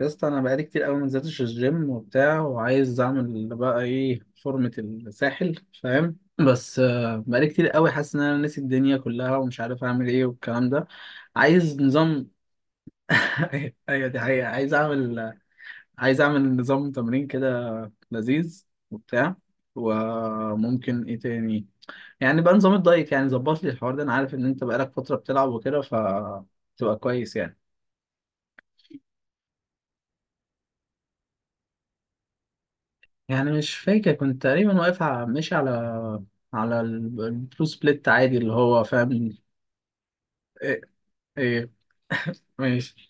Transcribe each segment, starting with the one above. يا اسطى انا بقالي كتير قوي ما نزلتش الجيم وبتاع وعايز اعمل بقى ايه فورمة الساحل. فاهم، بس بقالي كتير قوي حاسس ان انا ناسي الدنيا كلها ومش عارف اعمل ايه والكلام ده. عايز نظام. ايوه دي حقيقة. عايز اعمل. عايز اعمل نظام تمرين كده لذيذ وبتاع. وممكن ايه تاني؟ يعني بقى نظام الدايت، يعني ظبط لي الحوار ده. انا عارف ان انت بقالك فترة بتلعب وكده، فتبقى كويس يعني. يعني مش فاكر، كنت تقريبا واقف على ماشي على على البلو سبليت عادي اللي هو، فاهم؟ ايه؟ ايه؟ ماشي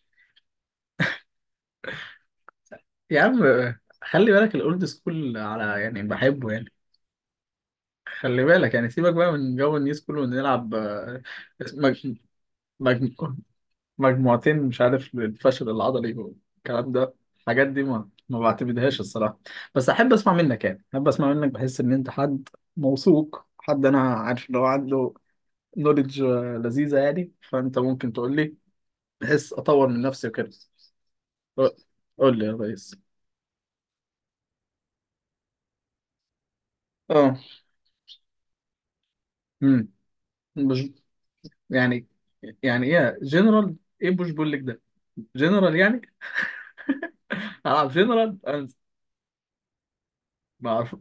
يا عم. خلي بالك الاولد سكول على يعني بحبه يعني. خلي بالك يعني، سيبك بقى من جو النيو سكول ونلعب. مج... مج... مجموعتين، مش عارف الفشل العضلي والكلام ده. الحاجات دي ما بعتمدهاش الصراحة. بس أحب أسمع منك، يعني أحب أسمع منك، بحس إن أنت حد موثوق، حد أنا عارف إن هو عنده نوليدج لذيذة يعني، فأنت ممكن تقول لي بحيث أطور من نفسي وكده. قول قول لي يا ريس. اه امم مش يعني. يعني ايه جنرال؟ ايه بوش؟ بقول لك ده جنرال يعني. العب جنرال أنا؟ ما اعرف.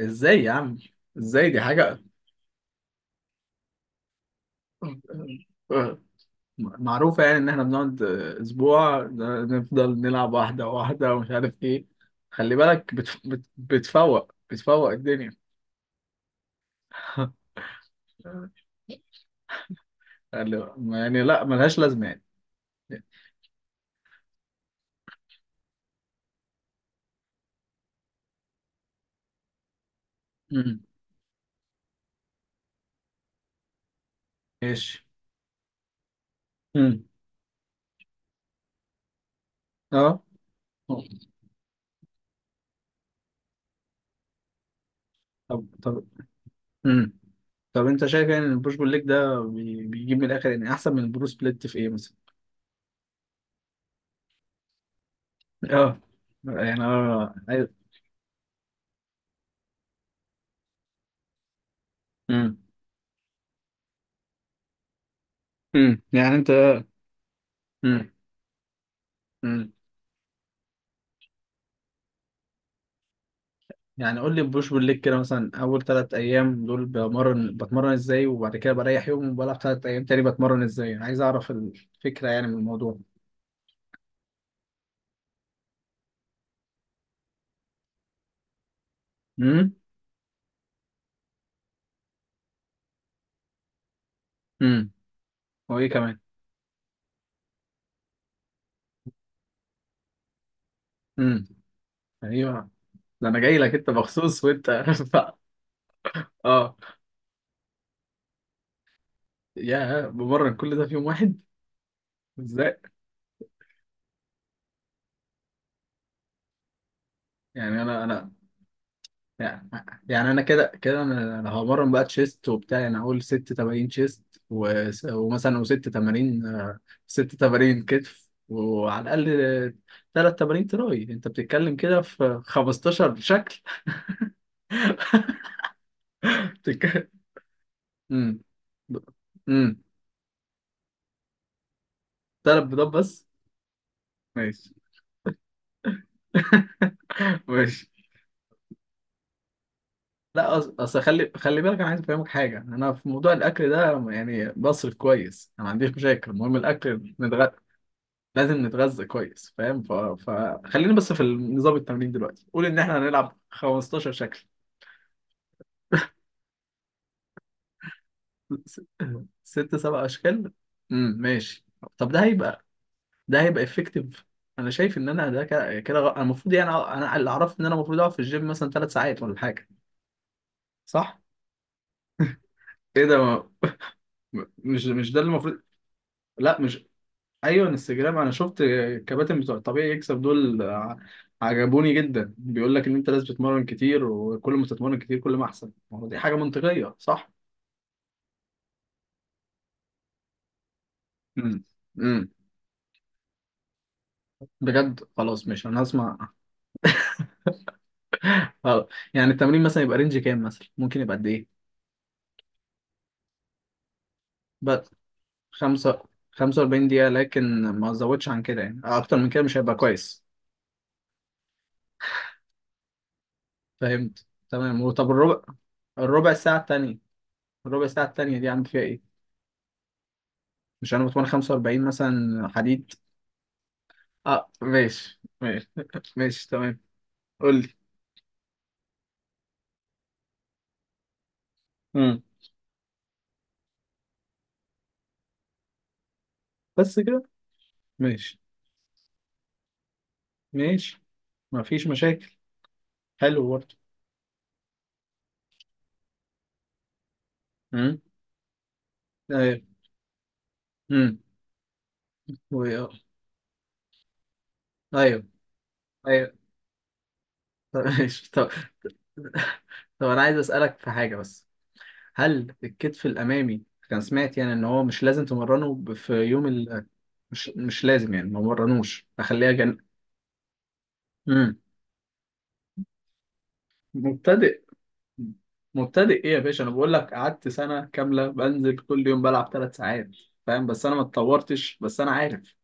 ازاي يا عم؟ ازاي؟ دي حاجه آه، معروفه يعني، ان احنا بنقعد اسبوع نفضل نلعب واحده واحده ومش عارف ايه. خلي بالك بتفوق الدنيا. قال لي يعني لا، ملهاش لازمه يعني. امم ماشي. امم اه طب. امم طب انت شايف يعني ان البوش بول ليج ده بيجيب من الاخر يعني احسن من البرو سبليت في ايه مثلا؟ اه يعني اه ايوه. امم يعني انت. امم امم يعني قول لي البوش بول ليج كده مثلا، اول ثلاث ايام دول بمرن، بتمرن ازاي؟ وبعد كده بريح يوم وبلعب ثلاث ايام تاني، بتمرن ازاي؟ عايز اعرف الفكره يعني من الموضوع. امم امم وايه كمان؟ امم ايوه. ده انا جاي لك انت مخصوص وانت ف- اه يا بمرن كل ده في يوم واحد؟ ازاي؟ يعني انا يعني. يعني انا كده كده، أنا همرن بقى تشيست وبتاع. انا هقول ست تمارين تشيست ومثلا وست تمارين، ست تمارين كتف، وعلى الاقل ثلاث تمارين تراي. انت بتتكلم كده في 15 شكل. بتتكلم. امم امم ثلاث بيضات بس؟ ماشي. ماشي. لا اصل خلي، خلي بالك انا عايز افهمك حاجه. انا في موضوع الاكل ده يعني بصرف كويس، انا ما عنديش مشاكل، المهم الاكل لازم نتغذى كويس، فاهم؟ فخلينا بس في نظام التمرين دلوقتي. قول ان احنا هنلعب 15 شكل. س... ست سبع اشكال؟ ماشي. طب ده هيبقى، ده هيبقى افكتيف؟ انا شايف ان انا ده كده كده انا المفروض يعني، انا اللي اعرف ان انا المفروض اقعد في الجيم مثلا ثلاث ساعات ولا حاجه، صح؟ ايه ده؟ ما... مش ده اللي المفروض. لا مش. ايوه انستجرام. انا شفت الكباتن بتوع الطبيعي يكسب دول عجبوني جدا، بيقول لك ان انت لازم تتمرن كتير، وكل ما تتمرن كتير كل ما احسن. ما هو دي حاجه منطقيه، صح؟ امم امم بجد؟ خلاص، مش انا هسمع. خلاص. يعني التمرين مثلا يبقى رينج كام مثلا؟ ممكن يبقى قد ايه؟ بس؟ خمسة؟ 45 دقيقه، لكن ما ازودش عن كده؟ يعني اكتر من كده مش هيبقى كويس. فهمت تمام. وطب الربع، الربع ساعه التانيه، الربع ساعه التانيه دي عامل فيها ايه؟ مش انا بتمرن 45 مثلا حديد؟ اه ماشي، ماشي. ماشي تمام. قول لي. امم بس كده؟ ماشي. ماشي، ما فيش مشاكل. حلو برضه. امم ايوه. امم و- ايوه. ايوه. طب ماشي. طب. طب انا عايز اسالك في حاجه بس. هل الكتف الامامي كان، سمعت يعني ان هو مش لازم تمرنه في يوم مش، مش لازم يعني، ما مرنوش، اخليها جن. امم مبتدئ؟ مبتدئ ايه يا باشا؟ انا بقول لك قعدت سنه كامله بنزل كل يوم بلعب ثلاث ساعات، فاهم؟ بس انا ما اتطورتش. بس انا عارف،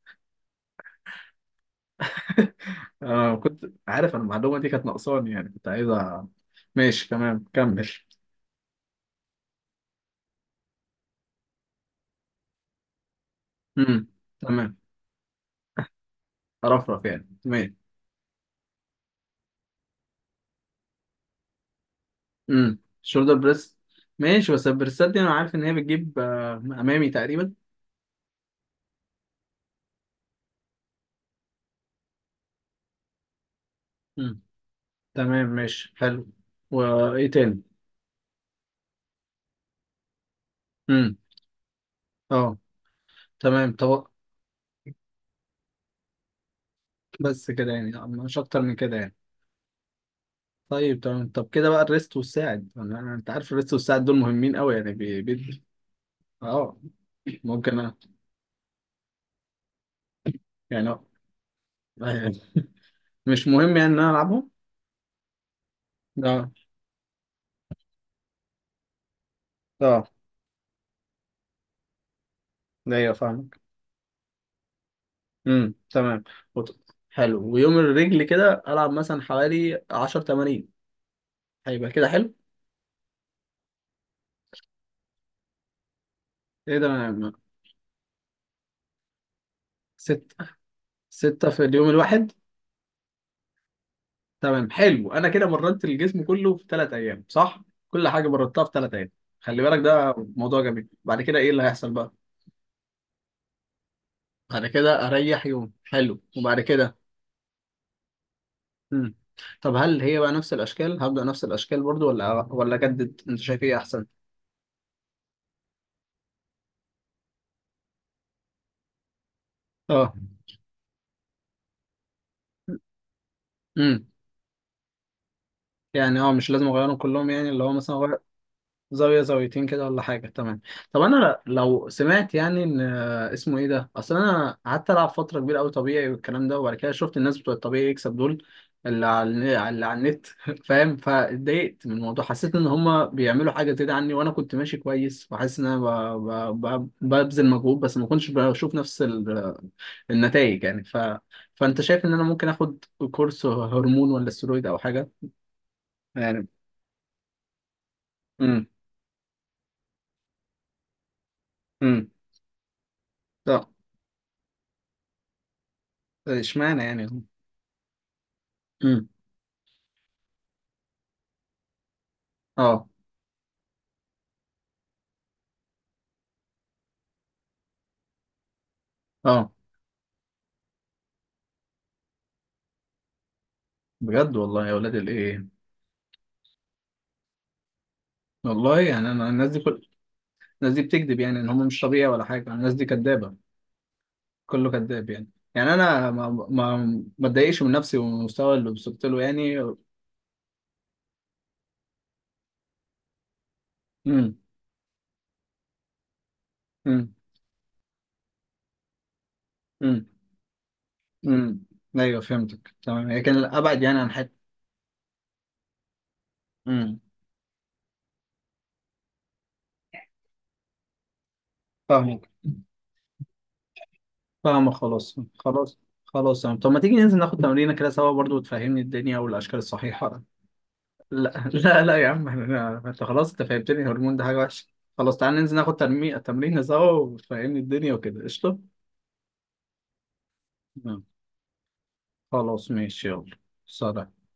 انا كنت عارف، انا المعلومه دي كانت ناقصاني يعني، كنت عايزها. ماشي تمام، كمل. امم تمام. رفرف يعني، تمام. شولدر بريس. ماشي، بس البريسات دي انا عارف ان هي بتجيب امامي تقريبا. امم تمام ماشي حلو. وايه تاني؟ امم اه تمام. طب بس كده، يعني مش اكتر من كده يعني؟ طيب، تمام. طب كده بقى الريست والساعد. انت عارف الريست والساعد دول مهمين قوي يعني، اه ممكن انا يعني، آه، مش مهم يعني ان انا العبهم؟ اه. اه، ايوه فاهمك. تمام. وط- حلو. ويوم الرجل كده العب مثلا حوالي 10 تمارين، هيبقى كده حلو؟ ايه ده؟ أنا- ست؟ ستة في اليوم الواحد؟ تمام حلو. انا كده مرنت الجسم كله في ثلاث ايام، صح؟ كل حاجه مرنتها في ثلاث ايام. خلي بالك ده موضوع جميل. بعد كده ايه اللي هيحصل بقى؟ بعد كده اريح يوم، حلو، وبعد كده؟ مم. طب هل هي بقى نفس الاشكال؟ هبدأ نفس الاشكال برضو، ولا اجدد؟ انت شايف ايه احسن؟ اه امم يعني اه، مش لازم اغيرهم كلهم يعني؟ اللي هو مثلا زاوية زاويتين كده ولا حاجة؟ تمام. طب أنا لو سمعت يعني إن، اسمه إيه ده؟ أصل أنا قعدت ألعب فترة كبيرة أوي طبيعي والكلام ده، وبعد كده شفت الناس بتوع الطبيعي يكسب دول، اللي على، اللي على النت، فاهم؟ فاتضايقت من الموضوع. حسيت إن هما بيعملوا حاجة زيادة عني، وأنا كنت ماشي كويس وحاسس إن أنا ببذل مجهود، بس ما كنتش بشوف نفس النتائج يعني. فأنت شايف إن أنا ممكن آخد كورس هرمون ولا استرويد أو حاجة؟ يعني. امم امم طب اشمعنى يعني؟ امم اه اه بجد؟ والله يا ولاد الايه. والله يعني انا الناس دي كل، الناس دي بتكذب يعني، ان هم مش طبيعي ولا حاجه؟ الناس دي كدابه؟ كله كذاب يعني؟ يعني انا ما اتضايقش من نفسي ومن المستوى اللي وصلت له يعني؟ امم امم امم امم ايوه فهمتك تمام. هي كان ابعد يعني عن حته. امم فاهمك، فاهمك. خلاص. خلاص تمام. طب ما تيجي ننزل ناخد تمرينه كده سوا برضو وتفهمني الدنيا والاشكال الصحيحه؟ لا يا عم، احنا انت خلاص، انت فهمتني الهرمون ده حاجة وحشة. خلاص تعالى ننزل ناخد تمرين، تمرين سوا، وتفهمني الدنيا وكده، قشطة. نعم. خلاص ماشي يلا. سلام